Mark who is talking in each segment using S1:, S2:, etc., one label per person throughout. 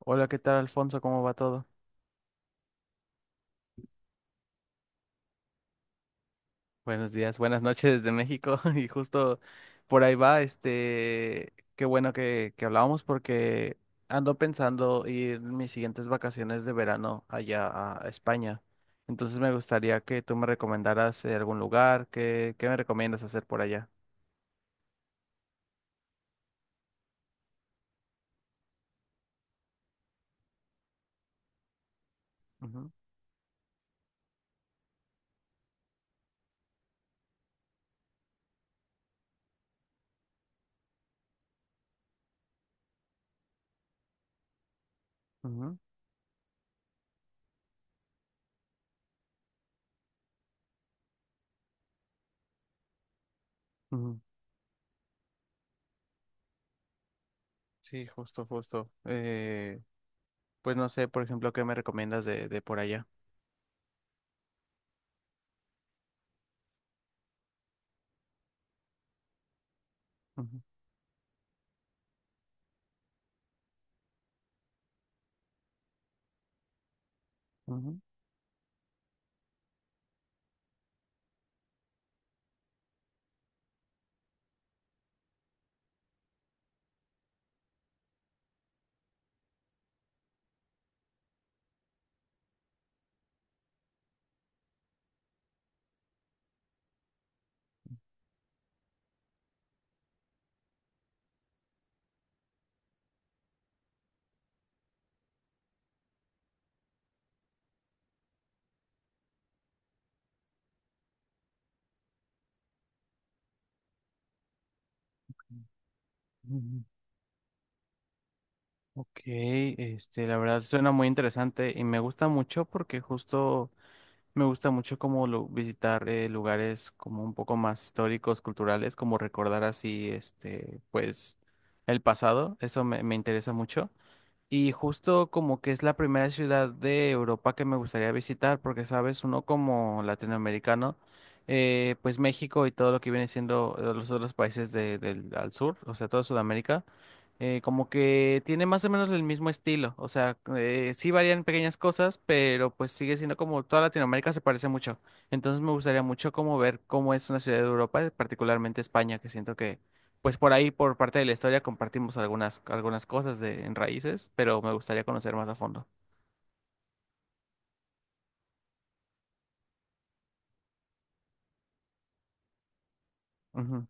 S1: Hola, ¿qué tal, Alfonso? ¿Cómo va todo? Buenos días, buenas noches desde México. Y justo por ahí va, qué bueno que hablábamos porque ando pensando ir mis siguientes vacaciones de verano allá a España. Entonces me gustaría que tú me recomendaras algún lugar, qué me recomiendas hacer por allá? Ujú, ujú, ujú. Sí, justo, justo. Pues no sé, por ejemplo, ¿qué me recomiendas de por allá? Ujú, ujú. Ok, la verdad suena muy interesante y me gusta mucho porque justo me gusta mucho como visitar lugares como un poco más históricos, culturales, como recordar así, este, pues, el pasado, eso me interesa mucho. Y justo como que es la primera ciudad de Europa que me gustaría visitar, porque sabes, uno como latinoamericano, pues México y todo lo que viene siendo los otros países del al sur, o sea, toda Sudamérica, como que tiene más o menos el mismo estilo, o sea, sí varían pequeñas cosas, pero pues sigue siendo como toda Latinoamérica se parece mucho. Entonces me gustaría mucho como ver cómo es una ciudad de Europa, particularmente España, que siento pues por ahí, por parte de la historia, compartimos algunas, algunas cosas de, en raíces, pero me gustaría conocer más a fondo. Ujú,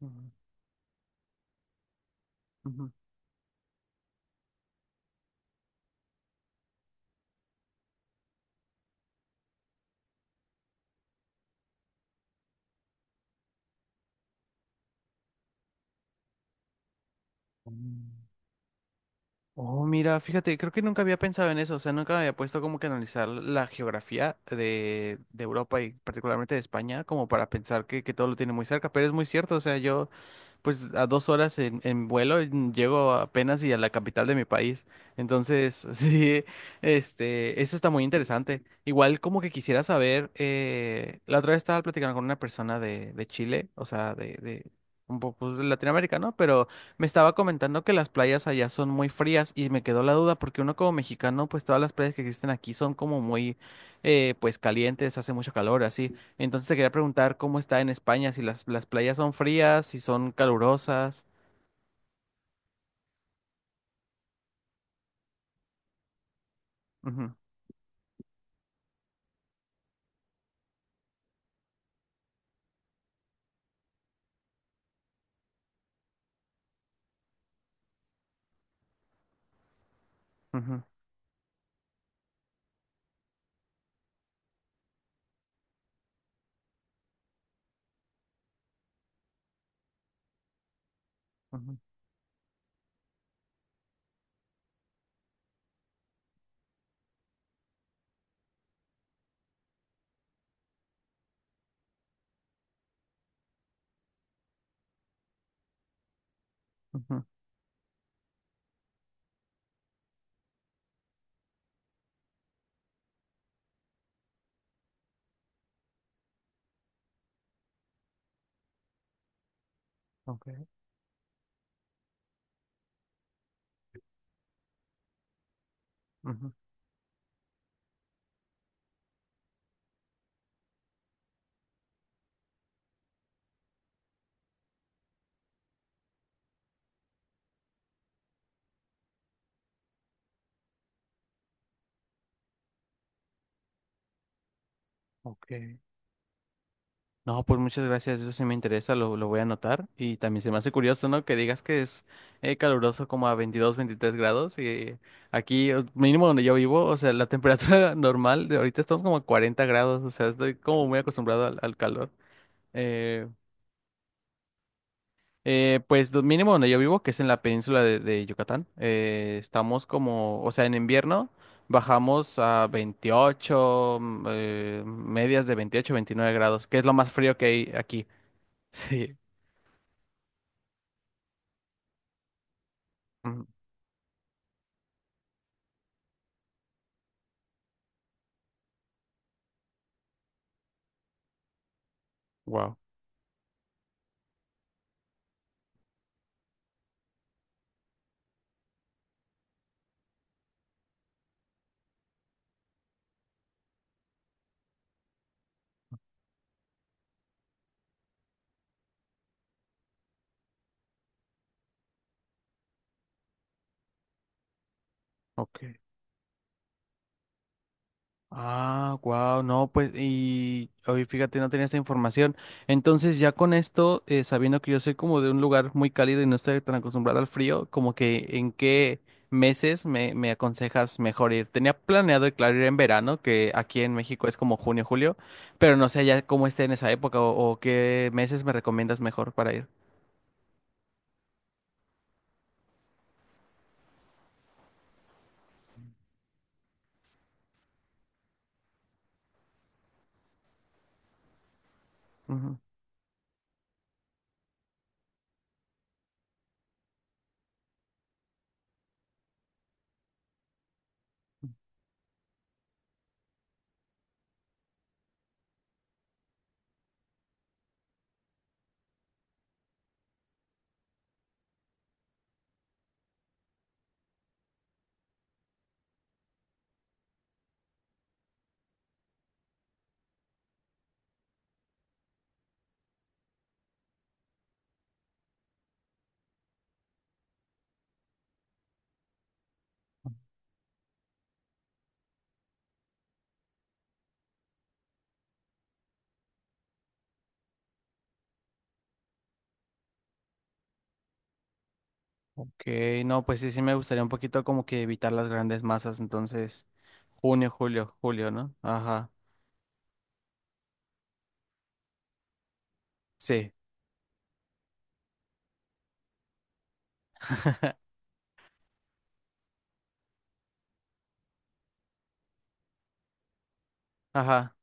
S1: ujú, ujú. Mm. Oh, mira, fíjate, creo que nunca había pensado en eso, o sea, nunca me había puesto como que analizar la geografía de Europa y particularmente de España, como para pensar que todo lo tiene muy cerca, pero es muy cierto, o sea, yo pues a dos horas en vuelo llego apenas y a la capital de mi país. Entonces, sí, este, eso está muy interesante. Igual como que quisiera saber, la otra vez estaba platicando con una persona de Chile, o sea, de un poco pues, de Latinoamérica, ¿no? Pero me estaba comentando que las playas allá son muy frías y me quedó la duda porque uno como mexicano, pues todas las playas que existen aquí son como muy, pues calientes, hace mucho calor, así. Entonces te quería preguntar cómo está en España, si las, las playas son frías, si son calurosas. Ujú, ujú, ujú, ujú, ok, ujú, ok. No, pues muchas gracias, eso sí me interesa, lo voy a anotar. Y también se me hace curioso, ¿no? Que digas que es caluroso como a 22 23 grados. Y aquí, mínimo donde yo vivo, o sea, la temperatura normal, de ahorita estamos como a 40 grados, o sea, estoy como muy acostumbrado al calor. Eh, pues lo mínimo donde yo vivo, que es en la península de Yucatán, estamos como, o sea, en invierno bajamos a 28, medias de 28, 29 grados, que es lo más frío que hay aquí. Sí. Mm. Wow, ok. Ah, wow, no, pues, y hoy fíjate, no tenía esta información. Entonces, ya con esto, sabiendo que yo soy como de un lugar muy cálido y no estoy tan acostumbrado al frío, como que en qué meses me aconsejas mejor ir. Tenía planeado, claro, ir en verano, que aquí en México es como junio, julio, pero no sé ya cómo esté en esa época o qué meses me recomiendas mejor para ir. Ujú. Ok, no, pues sí, sí me gustaría un poquito como que evitar las grandes masas, entonces, junio, julio, julio, ¿no? Ajá, sí. Ajá.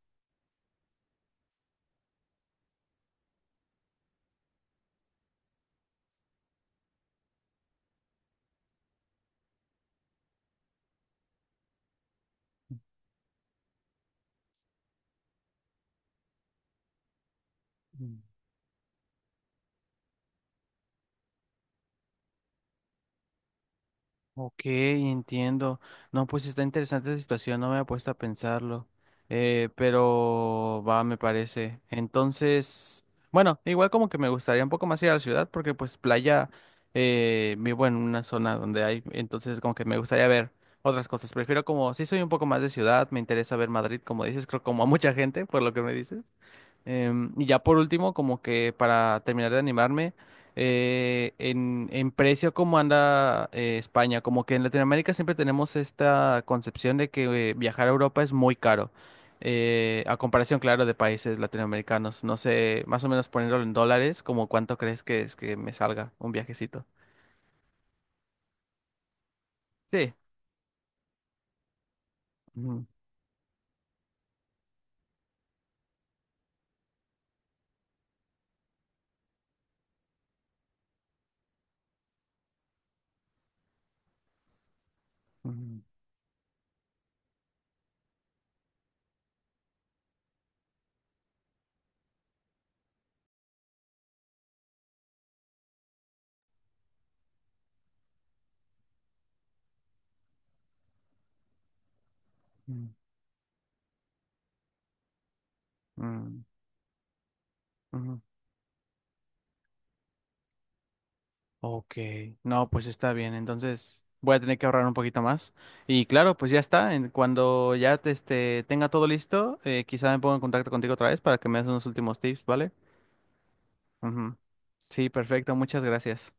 S1: Mm. Ok, entiendo. No, pues está interesante la situación, no me he puesto a pensarlo. Pero va, me parece. Entonces, bueno, igual como que me gustaría un poco más ir a la ciudad porque pues playa vivo en una zona donde hay, entonces como que me gustaría ver otras cosas. Prefiero como, sí soy un poco más de ciudad, me interesa ver Madrid, como dices, creo como a mucha gente, por lo que me dices. Em, y ya por último, como que para terminar de animarme, en precio, ¿cómo anda España? Como que en Latinoamérica siempre tenemos esta concepción de que viajar a Europa es muy caro, a comparación, claro, de países latinoamericanos. No sé, más o menos poniéndolo en dólares, ¿como cuánto crees que es que me salga un viajecito? Sí. Ujú, ujú, ujú, ujú, ujú. Ok, no, pues está bien, entonces voy a tener que ahorrar un poquito más. Y claro, pues ya está, cuando ya te, este, tenga todo listo, quizá me ponga en contacto contigo otra vez para que me des unos últimos tips, ¿vale? Ujú. Sí, perfecto, muchas gracias.